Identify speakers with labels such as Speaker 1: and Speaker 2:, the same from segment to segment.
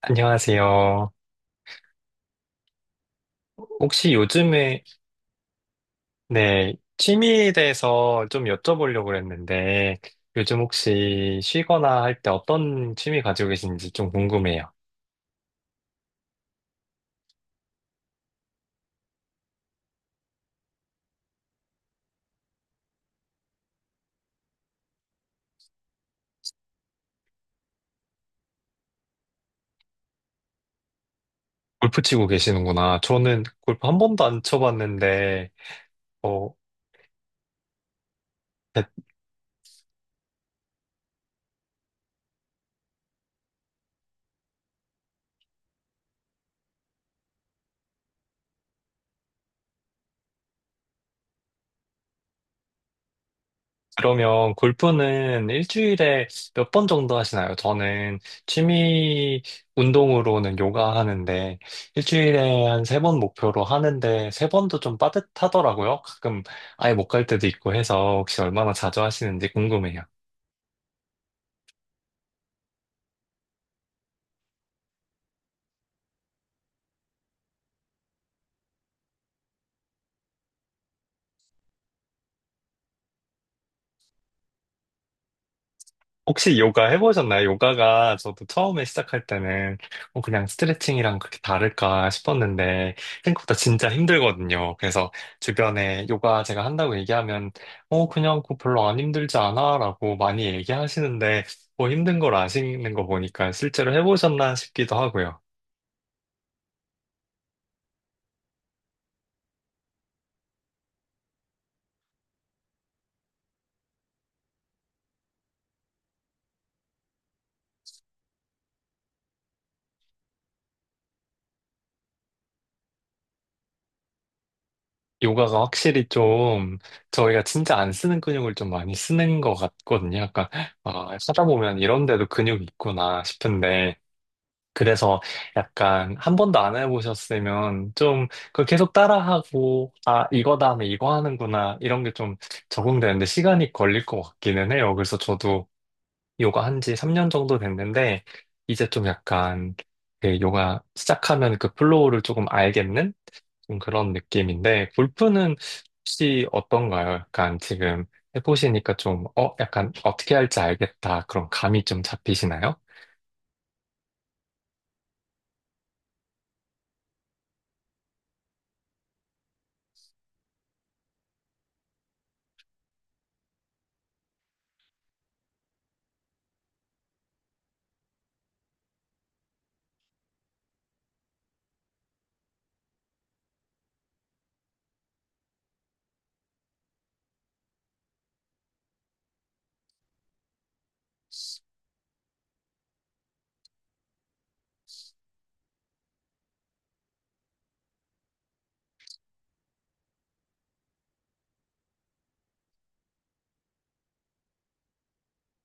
Speaker 1: 안녕하세요. 혹시 요즘에, 네, 취미에 대해서 좀 여쭤보려고 그랬는데, 요즘 혹시 쉬거나 할 때 어떤 취미 가지고 계신지 좀 궁금해요. 골프 치고 계시는구나. 저는 골프 한 번도 안 쳐봤는데, 어, 그러면 골프는 일주일에 몇 번 정도 하시나요? 저는 취미 운동으로는 요가 하는데 일주일에 한 세 번 목표로 하는데 세 번도 좀 빠듯하더라고요. 가끔 아예 못 갈 때도 있고 해서 혹시 얼마나 자주 하시는지 궁금해요. 혹시 요가 해보셨나요? 요가가 저도 처음에 시작할 때는 그냥 스트레칭이랑 그렇게 다를까 싶었는데 생각보다 진짜 힘들거든요. 그래서 주변에 요가 제가 한다고 얘기하면 그냥 그거 별로 안 힘들지 않아 라고 많이 얘기하시는데 뭐 힘든 걸 아시는 거 보니까 실제로 해보셨나 싶기도 하고요. 요가가 확실히 좀 저희가 진짜 안 쓰는 근육을 좀 많이 쓰는 것 같거든요. 약간 아, 하다 보면 이런 데도 근육이 있구나 싶은데 그래서 약간 한 번도 안 해보셨으면 좀 그걸 계속 따라하고, 아, 이거 다음에 이거 하는구나, 이런 게 좀 적응되는데 시간이 걸릴 것 같기는 해요. 그래서 저도 요가 한 지 3년 정도 됐는데, 이제 좀 약간 그 요가 시작하면 그 플로우를 조금 알겠는 좀 그런 느낌인데, 골프는 혹시 어떤가요? 약간 지금 해보시니까 좀, 약간 어떻게 할지 알겠다. 그런 감이 좀 잡히시나요?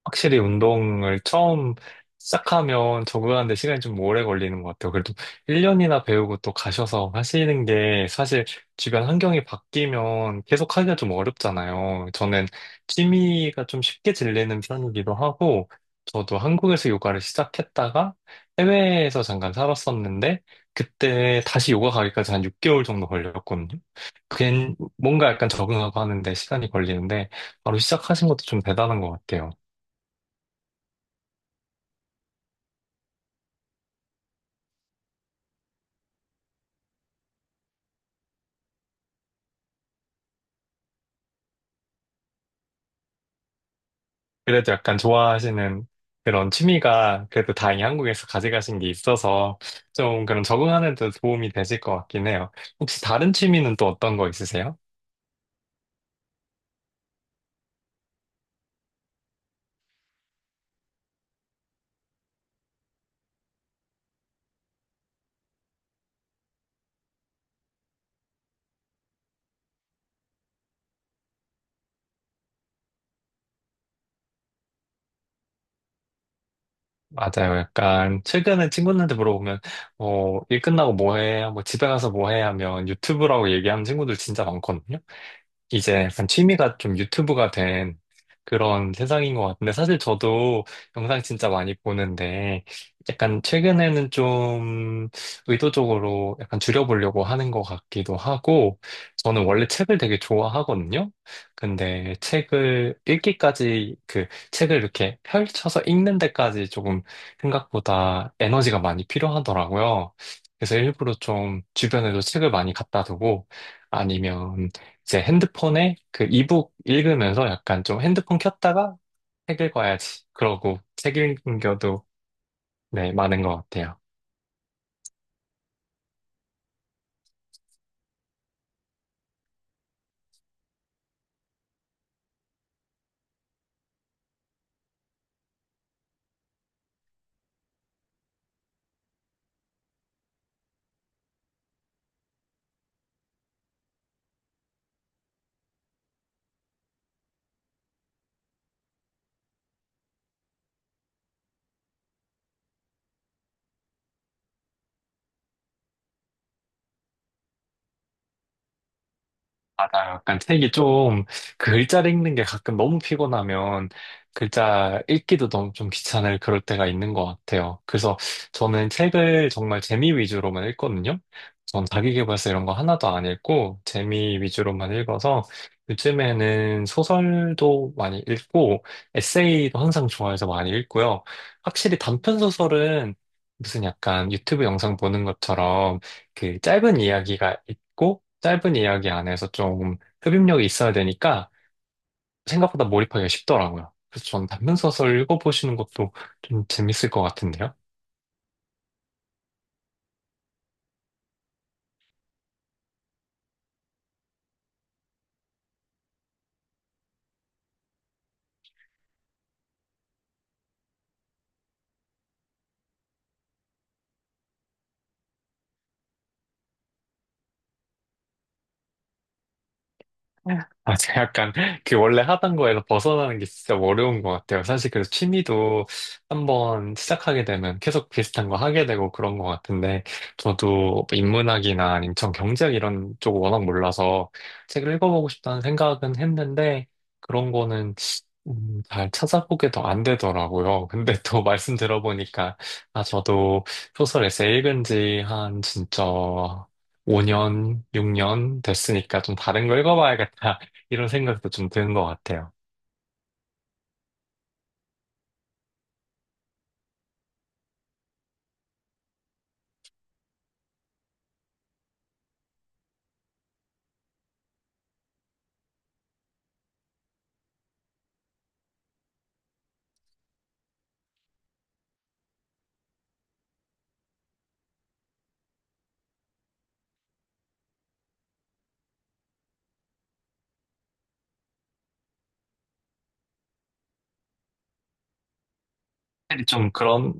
Speaker 1: 확실히 운동을 처음 시작하면 적응하는데 시간이 좀 오래 걸리는 것 같아요. 그래도 1년이나 배우고 또 가셔서 하시는 게 사실 주변 환경이 바뀌면 계속 하기가 좀 어렵잖아요. 저는 취미가 좀 쉽게 질리는 편이기도 하고, 저도 한국에서 요가를 시작했다가 해외에서 잠깐 살았었는데, 그때 다시 요가 가기까지 한 6개월 정도 걸렸거든요. 그게 뭔가 약간 적응하고 하는데 시간이 걸리는데, 바로 시작하신 것도 좀 대단한 것 같아요. 그래도 약간 좋아하시는 그런 취미가 그래도 다행히 한국에서 가져가신 게 있어서 좀 그런 적응하는 데 도움이 되실 것 같긴 해요. 혹시 다른 취미는 또 어떤 거 있으세요? 맞아요. 약간 최근에 친구들한테 물어보면 일 끝나고 뭐 해? 뭐 집에 가서 뭐 해? 하면 유튜브라고 얘기하는 친구들 진짜 많거든요. 이제 약간 취미가 좀 유튜브가 된 그런 세상인 것 같은데, 사실 저도 영상 진짜 많이 보는데, 약간 최근에는 좀 의도적으로 약간 줄여보려고 하는 것 같기도 하고, 저는 원래 책을 되게 좋아하거든요? 근데 책을 읽기까지, 그 책을 이렇게 펼쳐서 읽는 데까지 조금 생각보다 에너지가 많이 필요하더라고요. 그래서 일부러 좀 주변에도 책을 많이 갖다 두고, 아니면 이제 핸드폰에 그 이북 읽으면서 약간 좀 핸드폰 켰다가 책 읽어야지. 그러고 책 읽는 경우도 네, 많은 것 같아요. 아, 약간 책이 좀, 그 글자를 읽는 게 가끔 너무 피곤하면, 글자 읽기도 너무 좀 귀찮을 그럴 때가 있는 것 같아요. 그래서 저는 책을 정말 재미 위주로만 읽거든요. 전 자기계발서 이런 거 하나도 안 읽고, 재미 위주로만 읽어서, 요즘에는 소설도 많이 읽고, 에세이도 항상 좋아해서 많이 읽고요. 확실히 단편 소설은 무슨 약간 유튜브 영상 보는 것처럼, 그 짧은 이야기가 있고, 짧은 이야기 안에서 좀 흡입력이 있어야 되니까 생각보다 몰입하기가 쉽더라고요. 그래서 전 단편 소설 읽어보시는 것도 좀 재밌을 것 같은데요. 아, 제가 약간 그 원래 하던 거에서 벗어나는 게 진짜 어려운 것 같아요. 사실 그래서 취미도 한번 시작하게 되면 계속 비슷한 거 하게 되고 그런 것 같은데 저도 인문학이나 인천 경제학 이런 쪽 워낙 몰라서 책을 읽어보고 싶다는 생각은 했는데 그런 거는 잘 찾아보게 더 안 되더라고요. 근데 또 말씀 들어보니까 아, 저도 소설 에세이 읽은 지 한 진짜 5년, 6년 됐으니까 좀 다른 거 읽어봐야겠다. 이런 생각도 좀 드는 것 같아요. 확실히 좀 그런,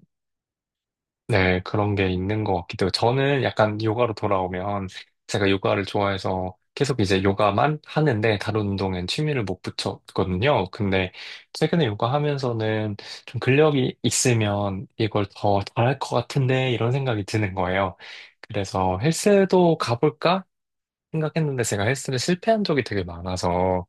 Speaker 1: 네, 그런 게 있는 것 같기도 하고, 저는 약간 요가로 돌아오면, 제가 요가를 좋아해서 계속 이제 요가만 하는데, 다른 운동엔 취미를 못 붙였거든요. 근데 최근에 요가 하면서는 좀 근력이 있으면 이걸 더 잘할 것 같은데, 이런 생각이 드는 거예요. 그래서 헬스도 가볼까? 생각했는데 제가 헬스를 실패한 적이 되게 많아서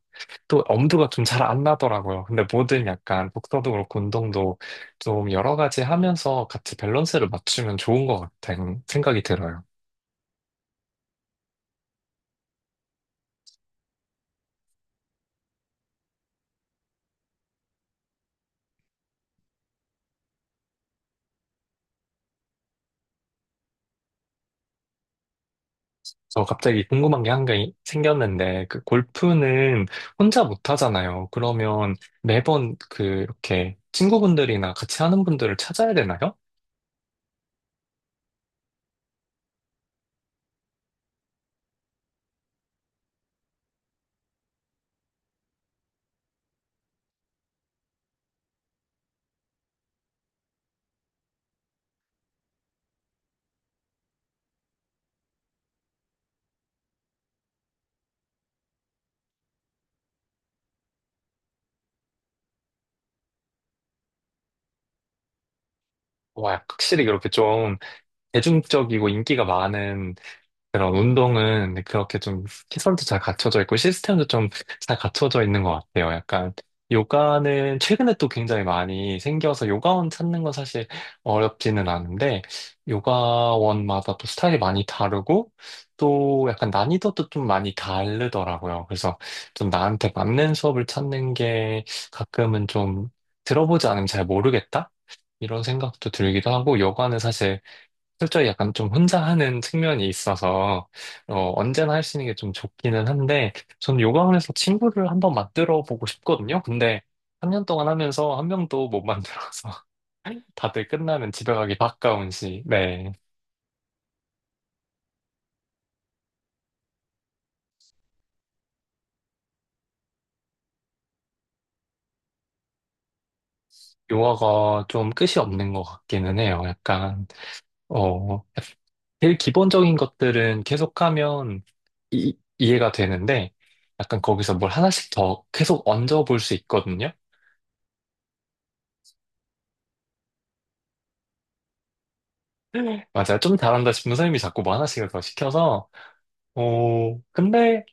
Speaker 1: 또 엄두가 좀 잘 안 나더라고요. 근데 뭐든 약간 복서도 그렇고 운동도 좀 여러 가지 하면서 같이 밸런스를 맞추면 좋은 것 같다는 생각이 들어요. 저 갑자기 궁금한 게 한 개 생겼는데 그 골프는 혼자 못 하잖아요. 그러면 매번 그 이렇게 친구분들이나 같이 하는 분들을 찾아야 되나요? 와, 확실히 그렇게 좀 대중적이고 인기가 많은 그런 운동은 그렇게 좀 시설도 잘 갖춰져 있고 시스템도 좀 잘 갖춰져 있는 것 같아요. 약간 요가는 최근에 또 굉장히 많이 생겨서 요가원 찾는 건 사실 어렵지는 않은데 요가원마다 또 스타일이 많이 다르고 또 약간 난이도도 좀 많이 다르더라고요. 그래서 좀 나한테 맞는 수업을 찾는 게 가끔은 좀 들어보지 않으면 잘 모르겠다? 이런 생각도 들기도 하고 요가는 사실 실제 약간 좀 혼자 하는 측면이 있어서 언제나 할 수 있는 게 좀 좋기는 한데 전 요가원에서 친구를 한번 만들어 보고 싶거든요. 근데 3년 동안 하면서 한 명도 못 만들어서 다들 끝나면 집에 가기 바까운 시. 네. 요가가 좀 끝이 없는 것 같기는 해요. 약간 어 제일 기본적인 것들은 계속하면 이해가 되는데 약간 거기서 뭘 하나씩 더 계속 얹어 볼 수 있거든요. 맞아. 요 좀 잘한다 싶은 선생님이 자꾸 뭐 하나씩을 더 시켜서, 어, 근데,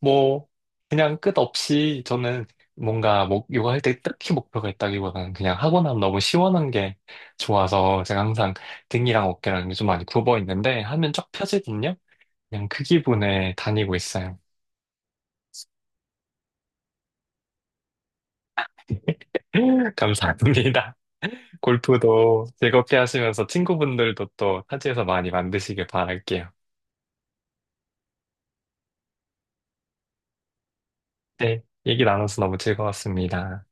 Speaker 1: 뭐, 그냥 끝없이 저는 뭔가 뭐 요가할 때 딱히 목표가 있다기보다는 그냥 하고 나면 너무 시원한 게 좋아서 제가 항상 등이랑 어깨랑 좀 많이 굽어 있는데 하면 쫙 펴지거든요? 그냥 그 기분에 다니고 있어요. 감사합니다. 골프도 즐겁게 하시면서 친구분들도 또 타지에서 많이 만드시길 바랄게요. 네, 얘기 나눠서 너무 즐거웠습니다.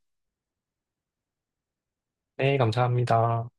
Speaker 1: 네, 감사합니다.